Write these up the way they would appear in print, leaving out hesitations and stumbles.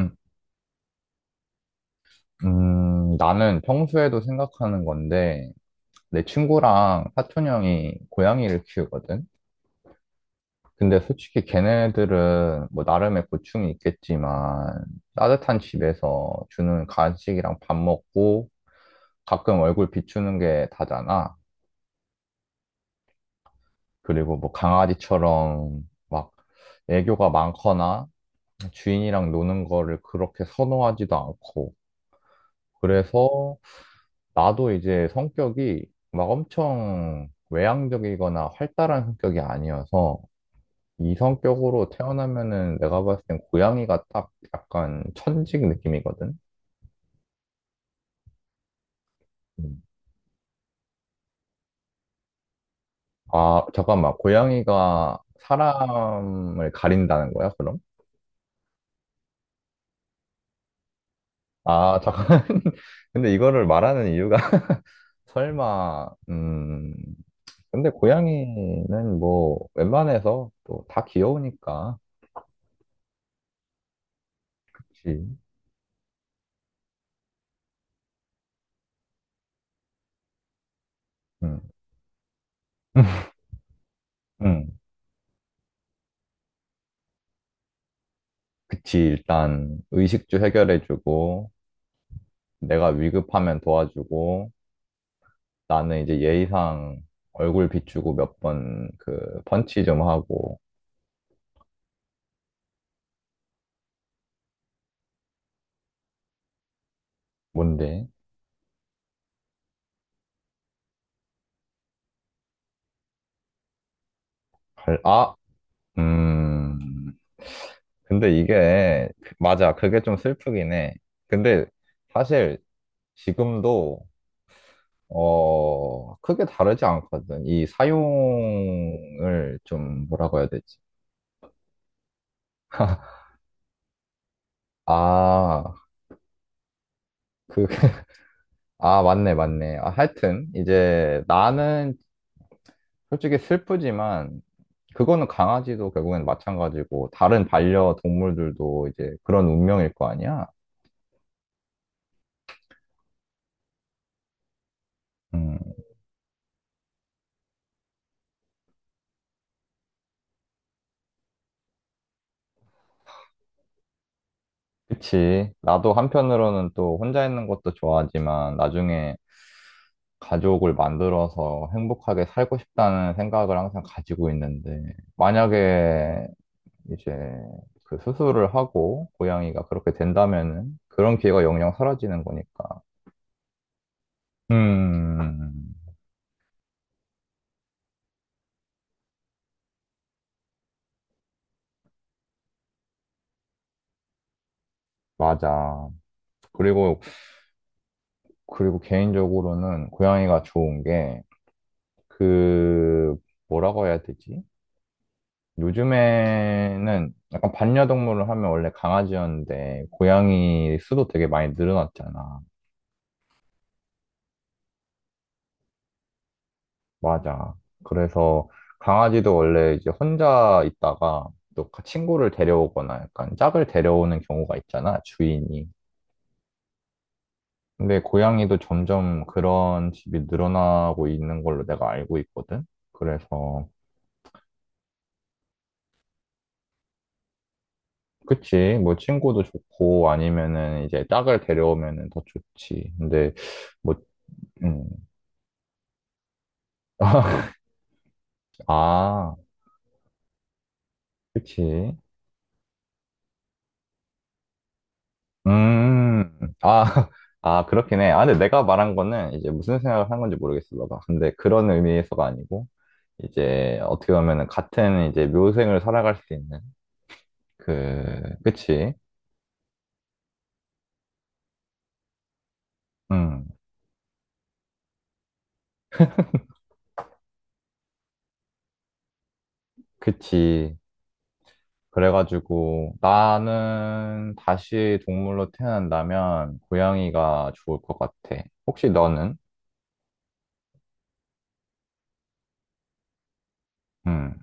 음, 나는 평소에도 생각하는 건데, 내 친구랑 사촌 형이 고양이를 키우거든? 근데 솔직히 걔네들은 뭐 나름의 고충이 있겠지만, 따뜻한 집에서 주는 간식이랑 밥 먹고, 가끔 얼굴 비추는 게 다잖아. 그리고 뭐 강아지처럼 막 애교가 많거나, 주인이랑 노는 거를 그렇게 선호하지도 않고, 그래서 나도 이제 성격이 막 엄청 외향적이거나 활달한 성격이 아니어서 이 성격으로 태어나면은 내가 봤을 땐 고양이가 딱 약간 천직 느낌이거든. 음. 아, 잠깐만. 고양이가 사람을 가린다는 거야, 그럼? 아, 잠깐. 근데 이거를 말하는 이유가 설마, 근데 고양이는 뭐 웬만해서 또 다 귀여우니까. 그치. 응. 그치, 일단 의식주 해결해주고, 내가 위급하면 도와주고, 나는 이제 예의상 얼굴 비추고 몇 번 그 펀치 좀 하고, 뭔데? 갈, 아, 음, 근데 이게, 맞아, 그게 좀 슬프긴 해. 근데 사실 지금도, 크게 다르지 않거든. 이 사용을 좀 뭐라고 해야 되지? 아, 그 아, 맞네, 맞네. 아, 하여튼, 이제 나는 솔직히 슬프지만, 그거는 강아지도 결국엔 마찬가지고, 다른 반려동물들도 이제 그런 운명일 거 아니야? 음, 그치. 나도 한편으로는 또 혼자 있는 것도 좋아하지만, 나중에 가족을 만들어서 행복하게 살고 싶다는 생각을 항상 가지고 있는데, 만약에 이제 그 수술을 하고, 고양이가 그렇게 된다면은, 그런 기회가 영영 사라지는 거니까. 음. 맞아. 그리고, 그리고 개인적으로는 고양이가 좋은 게, 그, 뭐라고 해야 되지? 요즘에는 약간 반려동물을 하면 원래 강아지였는데, 고양이 수도 되게 많이 늘어났잖아. 맞아. 그래서 강아지도 원래 이제 혼자 있다가 또 친구를 데려오거나 약간 짝을 데려오는 경우가 있잖아, 주인이. 근데 고양이도 점점 그런 집이 늘어나고 있는 걸로 내가 알고 있거든. 그래서 그치. 뭐 친구도 좋고 아니면은 이제 짝을 데려오면은 더 좋지. 근데 뭐 음. 아, 그치. 음. 아, 아, 그렇긴 해. 아, 근데 내가 말한 거는 이제 무슨 생각을 한 건지 모르겠어, 너가. 근데 그런 의미에서가 아니고 이제 어떻게 보면은 같은 이제 묘생을 살아갈 수 있는 그치. 음. 그치. 그래가지고 나는 다시 동물로 태어난다면 고양이가 좋을 것 같아. 혹시 너는? 음.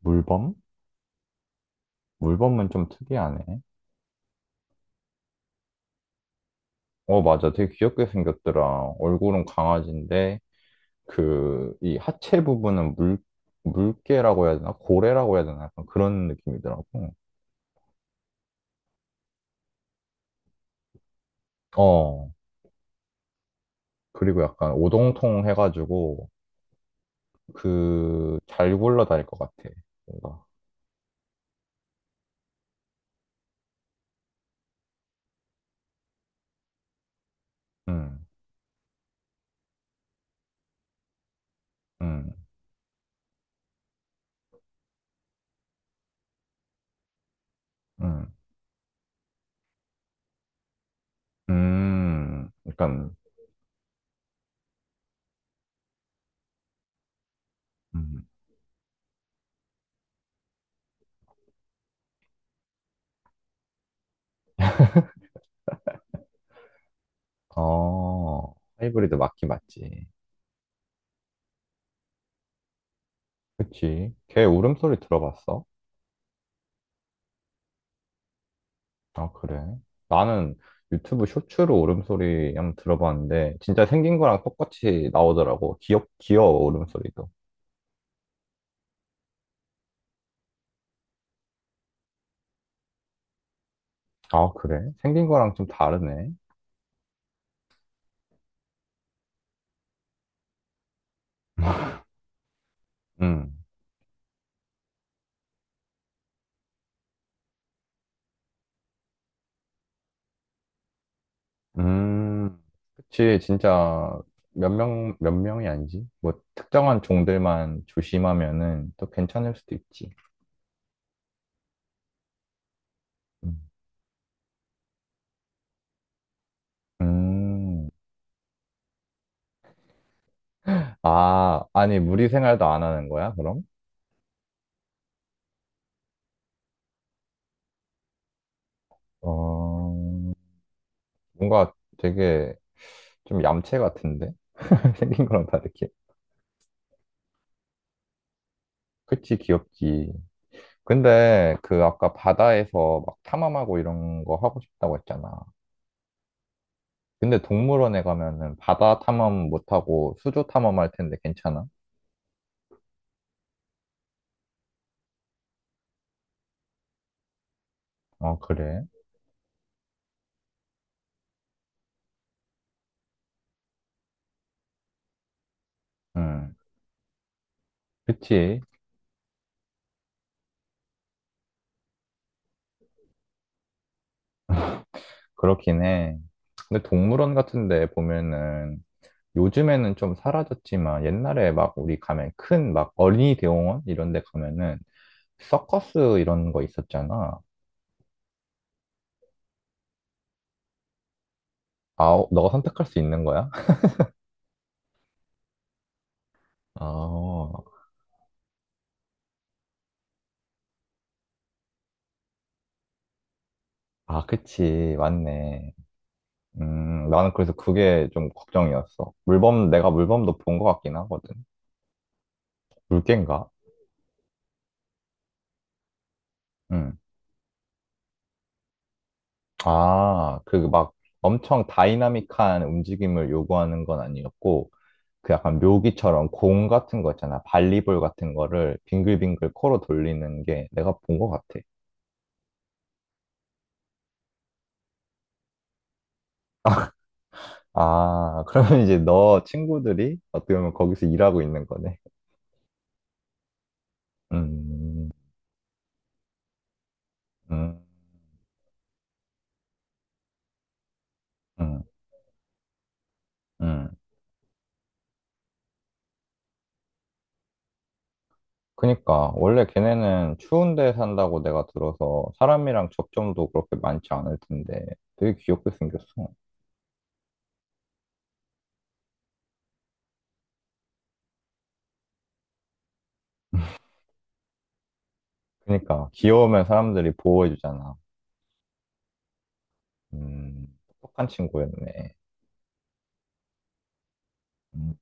물범? 물범은 좀 특이하네. 어, 맞아. 되게 귀엽게 생겼더라. 얼굴은 강아지인데, 그, 이 하체 부분은 물개라고 해야 되나? 고래라고 해야 되나? 약간 그런 느낌이더라고. 어, 그리고 약간 오동통 해가지고, 그, 잘 굴러다닐 것 같아. 뭔가. 음, 음, 음. 약간, 음, 어, 하이브리드 맞긴 맞지. 그치. 걔 울음소리 들어봤어? 아, 그래. 나는 유튜브 쇼츠로 울음소리 한번 들어봤는데, 진짜 생긴 거랑 똑같이 나오더라고. 귀여워, 울음소리도. 아, 그래? 생긴 거랑 좀 다르네. 음, 음, 그치. 진짜 몇 명이 아니지? 뭐, 특정한 종들만 조심하면은 또 괜찮을 수도 있지. 음. 음. 아, 아니, 무리 생활도 안 하는 거야, 그럼? 어, 뭔가 되게 좀 얌체 같은데? 생긴 거랑 다르게. 그치, 귀엽지. 근데 그 아까 바다에서 막 탐험하고 이런 거 하고 싶다고 했잖아. 근데 동물원에 가면은 바다 탐험 못하고 수조 탐험할 텐데 괜찮아? 아, 그래? 응. 그치. 그렇긴 해. 근데 동물원 같은 데 보면은 요즘에는 좀 사라졌지만 옛날에 막 우리 가면 큰 막 어린이 대공원 이런 데 가면은 서커스 이런 거 있었잖아. 아, 너가 선택할 수 있는 거야? 아, 아, 그치. 맞네. 나는 그래서 그게 좀 걱정이었어. 물범, 내가 물범도 본 것 같긴 하거든. 물개인가? 응. 아, 그 막 엄청 다이나믹한 움직임을 요구하는 건 아니었고, 그 약간 묘기처럼 공 같은 거 있잖아. 발리볼 같은 거를 빙글빙글 코로 돌리는 게 내가 본 것 같아. 아, 그러면 이제 너 친구들이 어떻게 보면 거기서 일하고 있는 거네. 음, 음, 음, 음. 그니까, 원래 걔네는 추운 데 산다고 내가 들어서 사람이랑 접점도 그렇게 많지 않을 텐데 되게 귀엽게 생겼어. 그니까, 귀여우면 사람들이 보호해주잖아. 음, 똑똑한 친구였네. 음,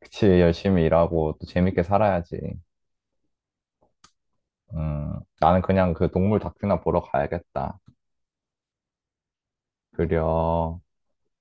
그치, 열심히 일하고 또 재밌게 살아야지. 음, 나는 그냥 그 동물 다큐나 보러 가야겠다. 그려.